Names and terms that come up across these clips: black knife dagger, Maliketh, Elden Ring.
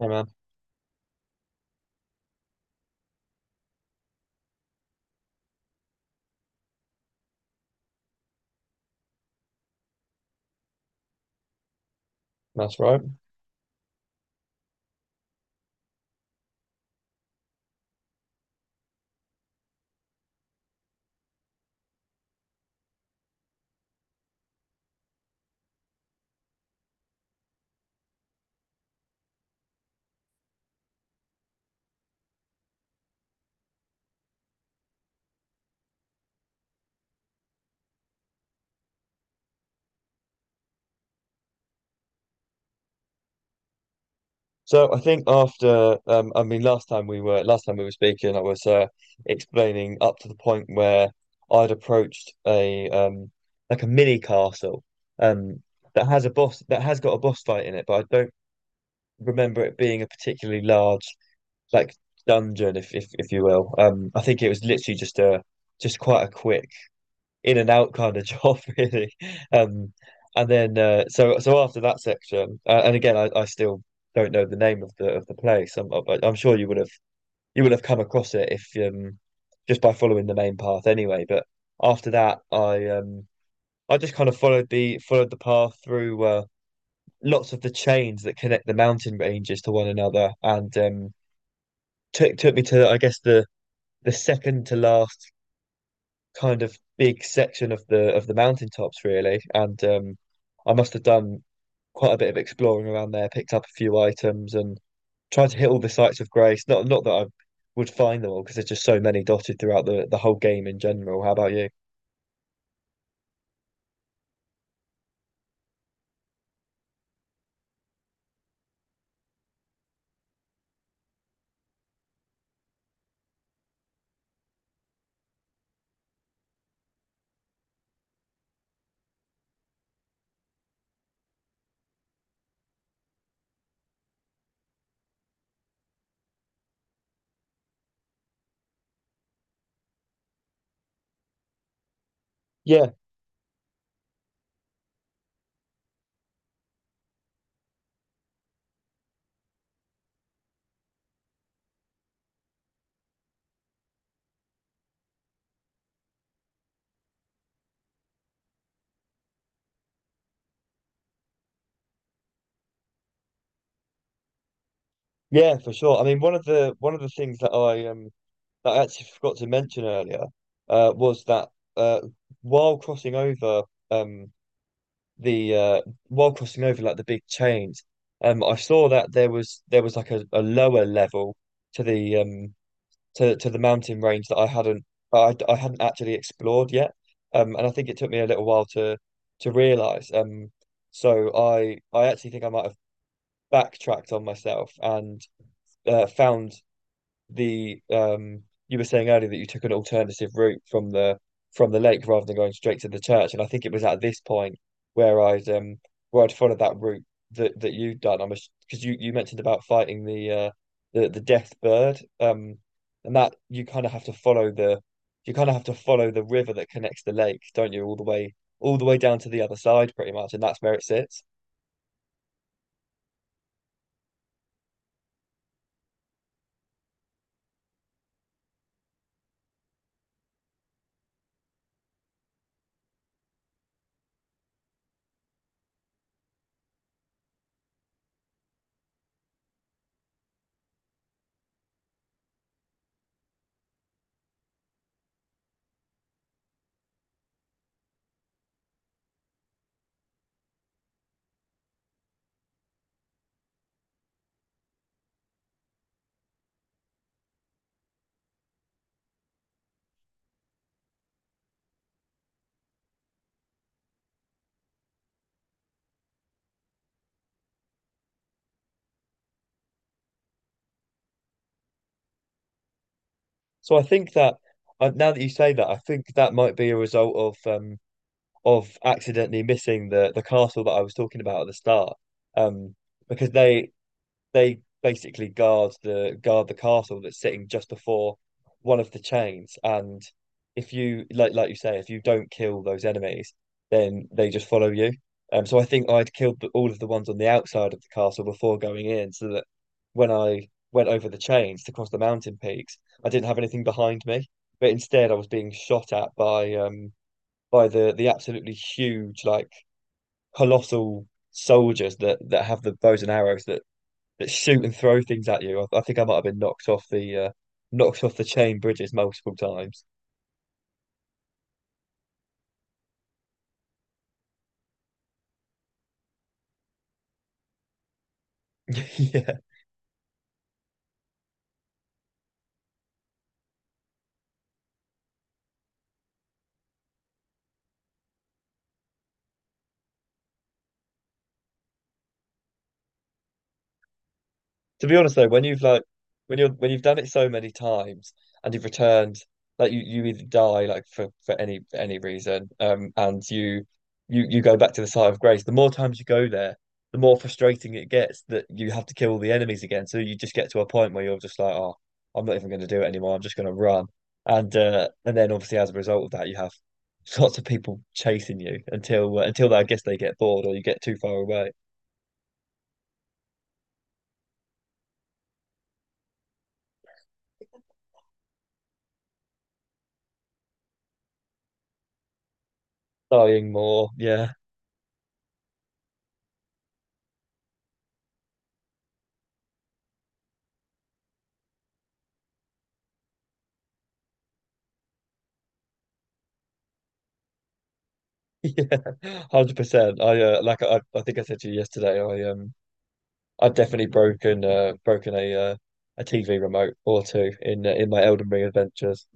Yeah, man, that's right. So I think after I mean, last time we were speaking, I was explaining up to the point where I'd approached a like a mini castle um that has a boss that has got a boss fight in it, but I don't remember it being a particularly large like dungeon, if you will. I think it was literally just a just quite a quick in and out kind of job, really. Um, and then so after that section, and again, I still don't know the name of the place. I'm sure you would have come across it if just by following the main path anyway. But after that, I just kind of followed the path through lots of the chains that connect the mountain ranges to one another, and took me to I guess the second to last kind of big section of the mountaintops, really. And I must have done quite a bit of exploring around there, picked up a few items, and tried to hit all the sites of grace. Not that I would find them all, because there's just so many dotted throughout the whole game in general. How about you? Yeah, yeah, for sure. I mean, one of the things that I actually forgot to mention earlier was that uh while crossing over um the uh while crossing over like the big chains, I saw that there was like a lower level to the to the mountain range that I hadn't actually explored yet. Um, and I think it took me a little while to realize. Um, so I actually think I might have backtracked on myself and found the you were saying earlier that you took an alternative route from the lake rather than going straight to the church. And I think it was at this point where I'd um where I'd followed that route that you'd done. I'm because you mentioned about fighting the the death bird um, and that you kind of have to follow the you kind of have to follow the river that connects the lake, don't you, all the way down to the other side pretty much, and that's where it sits. So I think that now that you say that, I think that might be a result of accidentally missing the castle that I was talking about at the start. Um, because they basically guard the castle that's sitting just before one of the chains, and if you like you say, if you don't kill those enemies, then they just follow you. So I think I'd killed the- all of the ones on the outside of the castle before going in, so that when I went over the chains to cross the mountain peaks, I didn't have anything behind me, but instead I was being shot at by the absolutely huge, like colossal soldiers that that have the bows and arrows that shoot and throw things at you. I think I might have been knocked off the chain bridges multiple times. Yeah. To be honest though, when you're when you've done it so many times and you've returned, like you either die like for any reason, and you go back to the site of grace. The more times you go there, the more frustrating it gets that you have to kill the enemies again. So you just get to a point where you're just like, oh, I'm not even going to do it anymore. I'm just going to run, and then obviously as a result of that, you have lots of people chasing you until I guess they get bored or you get too far away, dying more. Yeah. Yeah, 100%. I like I think I said to you yesterday, I've definitely broken broken a TV remote or two in my Elden Ring adventures.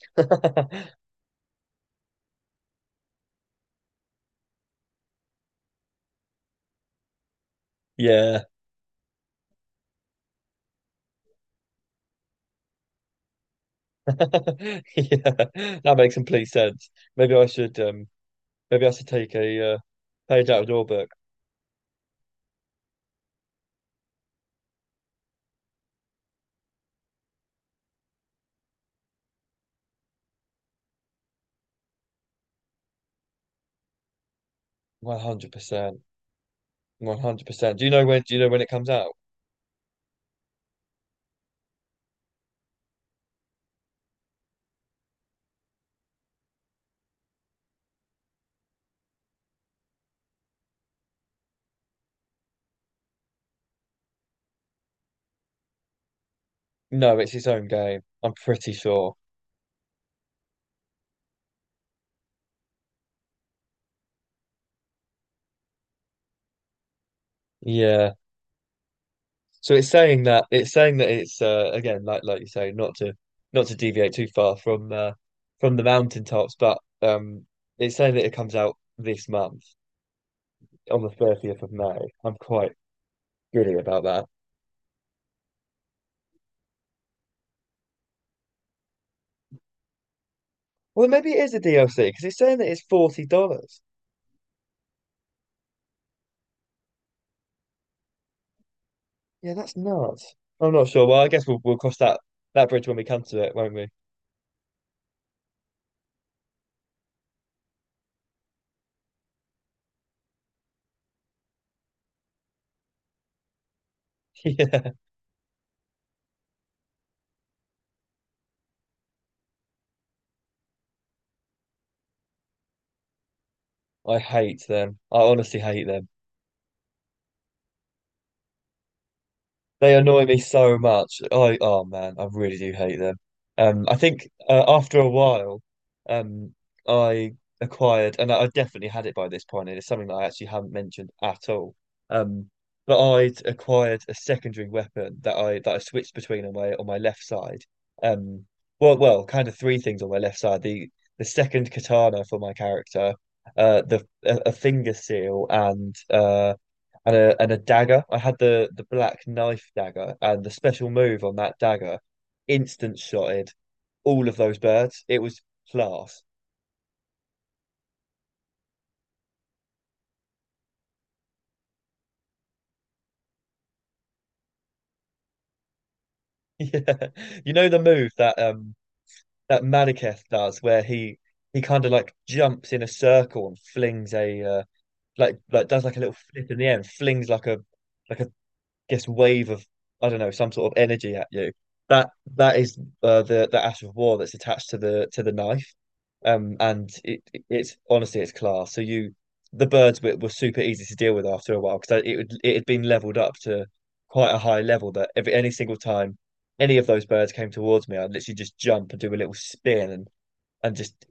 Yeah. Yeah. That makes complete sense. Maybe I should um maybe I should take a page out of your book. 100%. 100%. Do you know when it comes out? No, it's its own game, I'm pretty sure. Yeah. So it's saying that it's again, like you say, not to deviate too far from the mountaintops, but it's saying that it comes out this month on the 30th of May. I'm quite giddy about that. Well, maybe it is a DLC because it's saying that it's $40. Yeah, that's nuts. I'm not sure. Well, I guess we'll cross that bridge when we come to it, won't we? Yeah, I hate them. I honestly hate them. They annoy me so much. I oh man, I really do hate them. I think after a while, um, I acquired, and I definitely had it by this point, and it's something that I actually haven't mentioned at all. Um, but I'd acquired a secondary weapon that I switched between on my left side. Um, well, kind of three things on my left side: the second katana for my character, the a finger seal, and a and a dagger. I had the black knife dagger, and the special move on that dagger instant shotted all of those birds. It was class. Yeah. You know the move that that Madaketh does where he kind of like jumps in a circle and flings a like does like a little flip in the end, flings like a guess wave of, I don't know, some sort of energy at you. That that is the ash of war that's attached to the knife, and it's honestly, it's class. So you the birds were super easy to deal with after a while, because it would, it had been leveled up to quite a high level that every any single time any of those birds came towards me, I'd literally just jump and do a little spin and just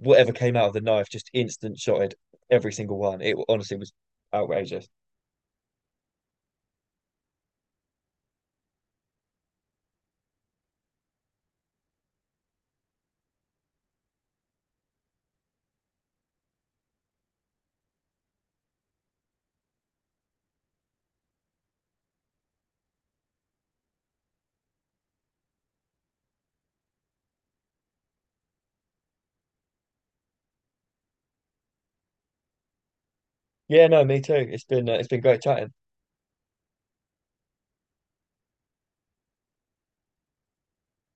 whatever came out of the knife just instant shotted every single one. It honestly was outrageous. Yeah, no, me too. It's been great chatting.